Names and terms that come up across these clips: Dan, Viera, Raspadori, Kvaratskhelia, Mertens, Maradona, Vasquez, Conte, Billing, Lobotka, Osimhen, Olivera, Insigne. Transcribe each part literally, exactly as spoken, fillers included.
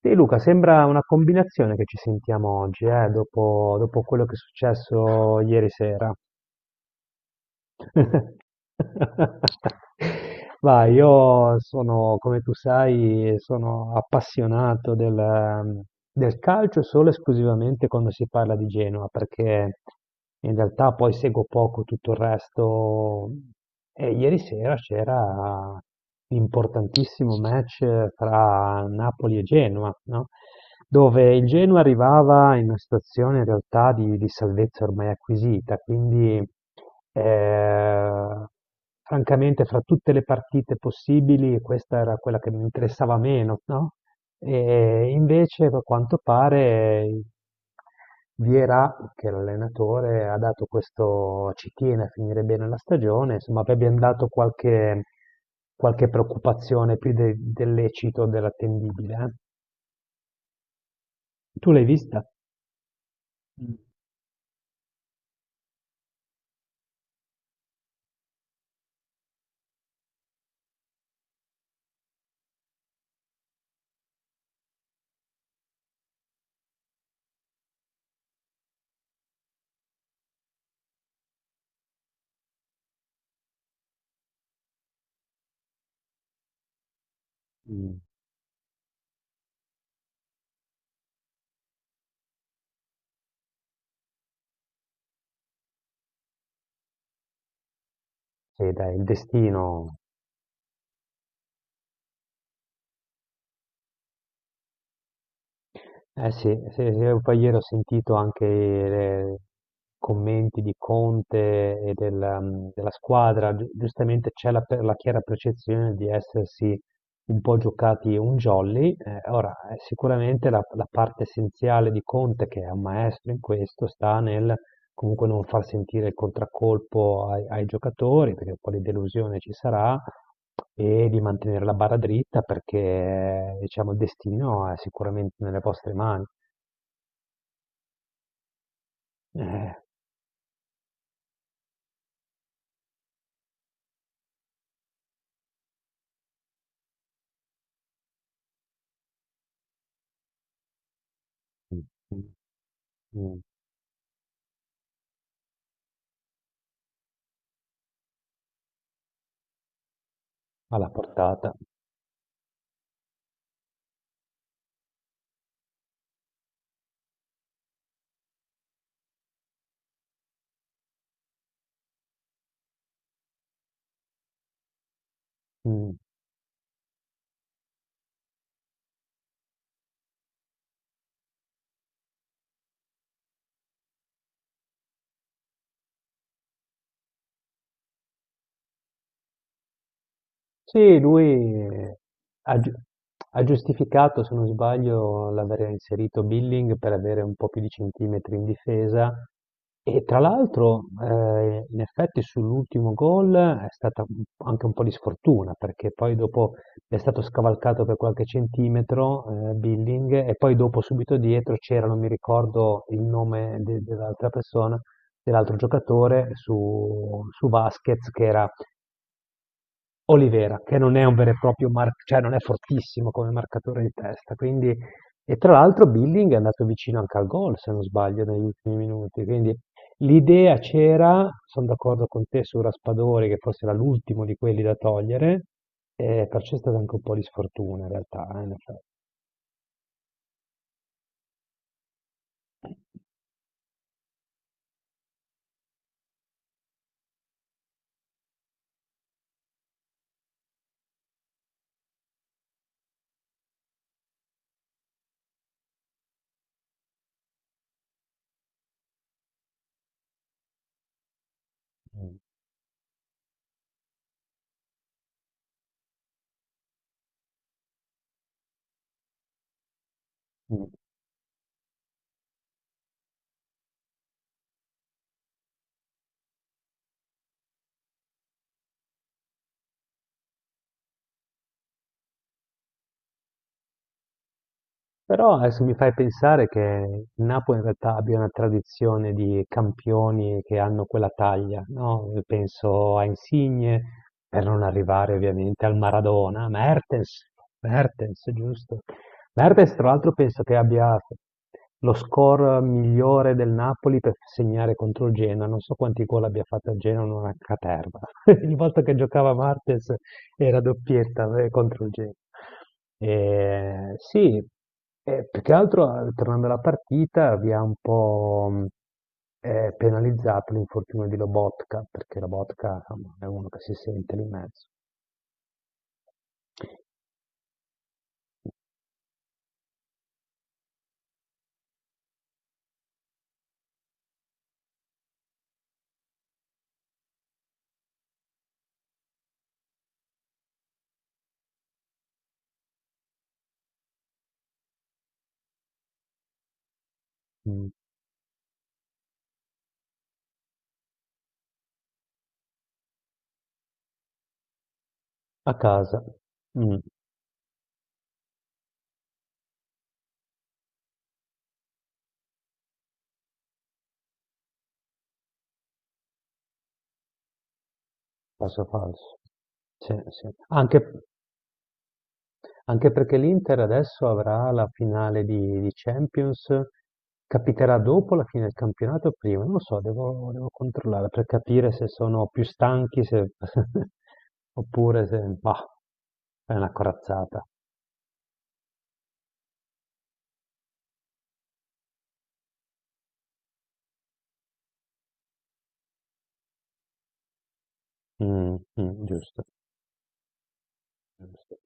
Sì, Luca, sembra una combinazione che ci sentiamo oggi, eh, dopo, dopo quello che è successo ieri sera. Ma io sono, come tu sai, sono appassionato del, ehm, del calcio solo e esclusivamente quando si parla di Genova, perché in realtà poi seguo poco tutto il resto. E ieri sera c'era l'importantissimo match tra Napoli e Genova, no? Dove il Genoa arrivava in una situazione in realtà di, di salvezza ormai acquisita, quindi. Ehm, Francamente fra tutte le partite possibili questa era quella che mi interessava meno, no? E invece a quanto pare Viera, che è l'allenatore, ha dato questo, ci tiene a finire bene la stagione, insomma abbiamo dato qualche, qualche preoccupazione più de- del lecito, dell'attendibile. eh. Tu l'hai vista? Mm. Mm. Sì, dai, il destino. Eh sì, sì, sì, poi ieri ho sentito anche i commenti di Conte e del, um, della squadra, Gi- giustamente c'è la, per- la chiara percezione di essersi un po' giocati un jolly. Eh, ora, eh, sicuramente la, la parte essenziale di Conte, che è un maestro in questo, sta nel comunque non far sentire il contraccolpo ai, ai giocatori, perché un po' di delusione ci sarà, e di mantenere la barra dritta perché diciamo, il destino è sicuramente nelle vostre mani. Eh. Mm. Mm. Mm. Alla portata. Mm. Sì, lui eh, ha, gi- ha giustificato, se non sbaglio, l'aver inserito Billing per avere un po' più di centimetri in difesa. E tra l'altro, eh, in effetti, sull'ultimo gol è stata un- anche un po' di sfortuna, perché poi dopo è stato scavalcato per qualche centimetro, eh, Billing, e poi dopo subito dietro c'era, non mi ricordo il nome de- dell'altra persona, dell'altro giocatore su, su Vasquez, Olivera, che non è un vero e proprio marc cioè non è fortissimo come marcatore di testa, quindi. E tra l'altro Billing è andato vicino anche al gol, se non sbaglio, negli ultimi minuti, quindi l'idea c'era, sono d'accordo con te su Raspadori, che forse era l'ultimo di quelli da togliere, e perciò è stata anche un po' di sfortuna in realtà, eh, in effetti. Mm. Mm. Però adesso mi fai pensare che il Napoli in realtà abbia una tradizione di campioni che hanno quella taglia, no? Penso a Insigne, per non arrivare ovviamente al Maradona, Mertens. Mertens, giusto? Mertens tra l'altro penso che abbia lo score migliore del Napoli per segnare contro il Genoa, non so quanti gol abbia fatto il Genoa, una caterva. Ogni volta che giocava Mertens era doppietta eh, contro il Genoa. Eh, sì, eh, più che altro, eh, tornando alla partita, vi ha un po' mh, eh, penalizzato l'infortunio di Lobotka, perché Lobotka insomma, è uno che si sente lì in mezzo. Mm. A casa. Mm. Passo falso. Sì, sì. Anche Anche perché l'Inter adesso avrà la finale di, di Champions, capiterà dopo la fine del campionato o prima? Non lo so, devo, devo controllare per capire se sono più stanchi se- oppure se. Bah, è una corazzata. Mm, mm, giusto, giusto.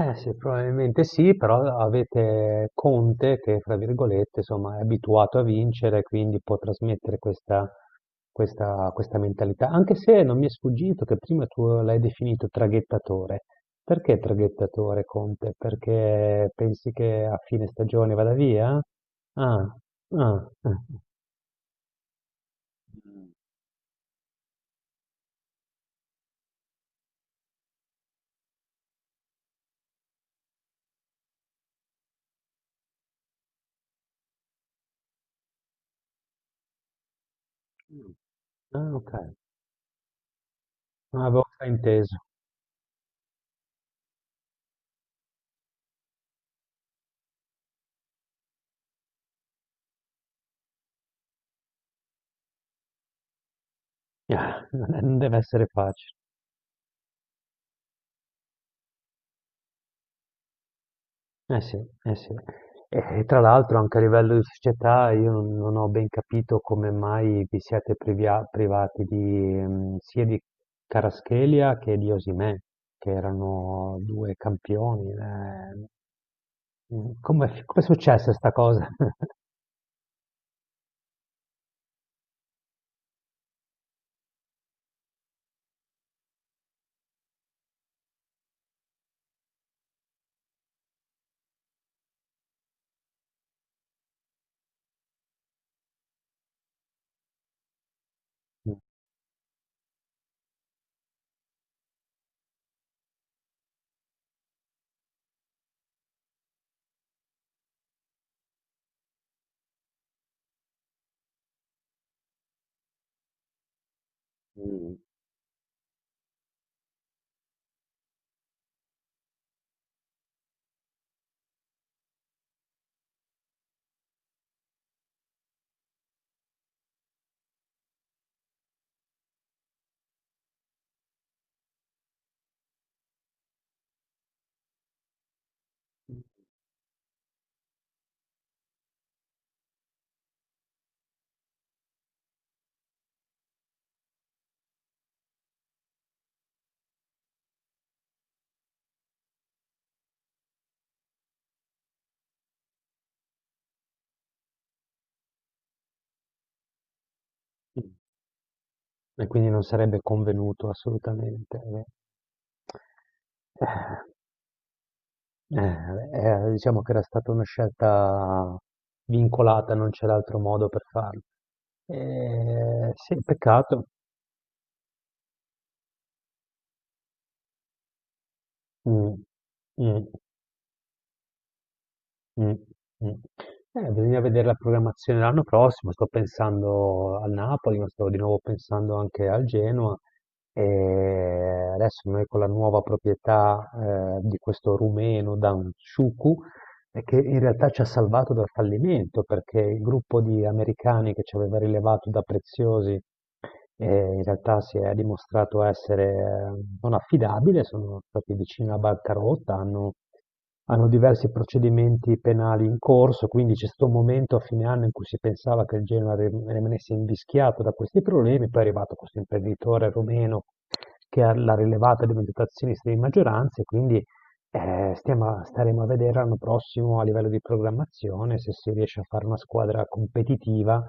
Eh sì, probabilmente sì, però avete Conte che, fra virgolette, insomma, è abituato a vincere, quindi può trasmettere questa, questa- questa mentalità. Anche se non mi è sfuggito che prima tu l'hai definito traghettatore. Perché traghettatore Conte? Perché pensi che a fine stagione vada via? Ah, ah, ah, ah, ok, non avevo frainteso. Non deve essere facile. Eh sì, eh sì. E e tra l'altro anche a livello di società io non, non ho ben capito come mai vi siete privia- privati di, ehm, sia di Kvaratskhelia che di Osimhen, che erano due campioni. eh. mm, Come, come è successa sta cosa? Mm. E quindi non sarebbe convenuto assolutamente. eh. Eh, Eh, eh, diciamo che era stata una scelta vincolata, non c'era altro modo per farlo. Eh, sì, peccato. Mm, mm, mm, mm. Eh, bisogna vedere la programmazione l'anno prossimo. Sto pensando al Napoli, ma sto di nuovo pensando anche al Genoa. E adesso noi con la nuova proprietà eh, di questo rumeno Dan e che in realtà ci ha salvato dal fallimento perché il gruppo di americani che ci aveva rilevato da preziosi eh, in realtà si è dimostrato essere eh, non affidabile, sono stati vicini alla bancarotta, hanno, hanno diversi procedimenti penali in corso, quindi c'è stato un momento a fine anno in cui si pensava che il Genoa rim- rimanesse invischiato da questi problemi, poi è arrivato questo imprenditore rumeno che ha- l'ha rilevata diventata azionista di maggioranza e quindi eh, stiamo, staremo a vedere l'anno prossimo a livello di programmazione se si riesce a fare una squadra competitiva,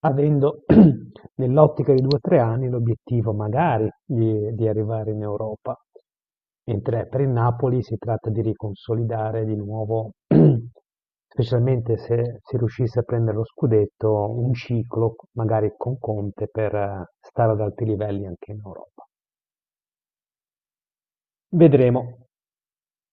avendo nell'ottica di due o tre anni l'obiettivo magari di, di arrivare in Europa. Mentre per il Napoli si tratta di riconsolidare di nuovo, specialmente se si riuscisse a prendere lo scudetto, un ciclo magari con Conte per eh, stare ad alti livelli anche in Europa. Vedremo.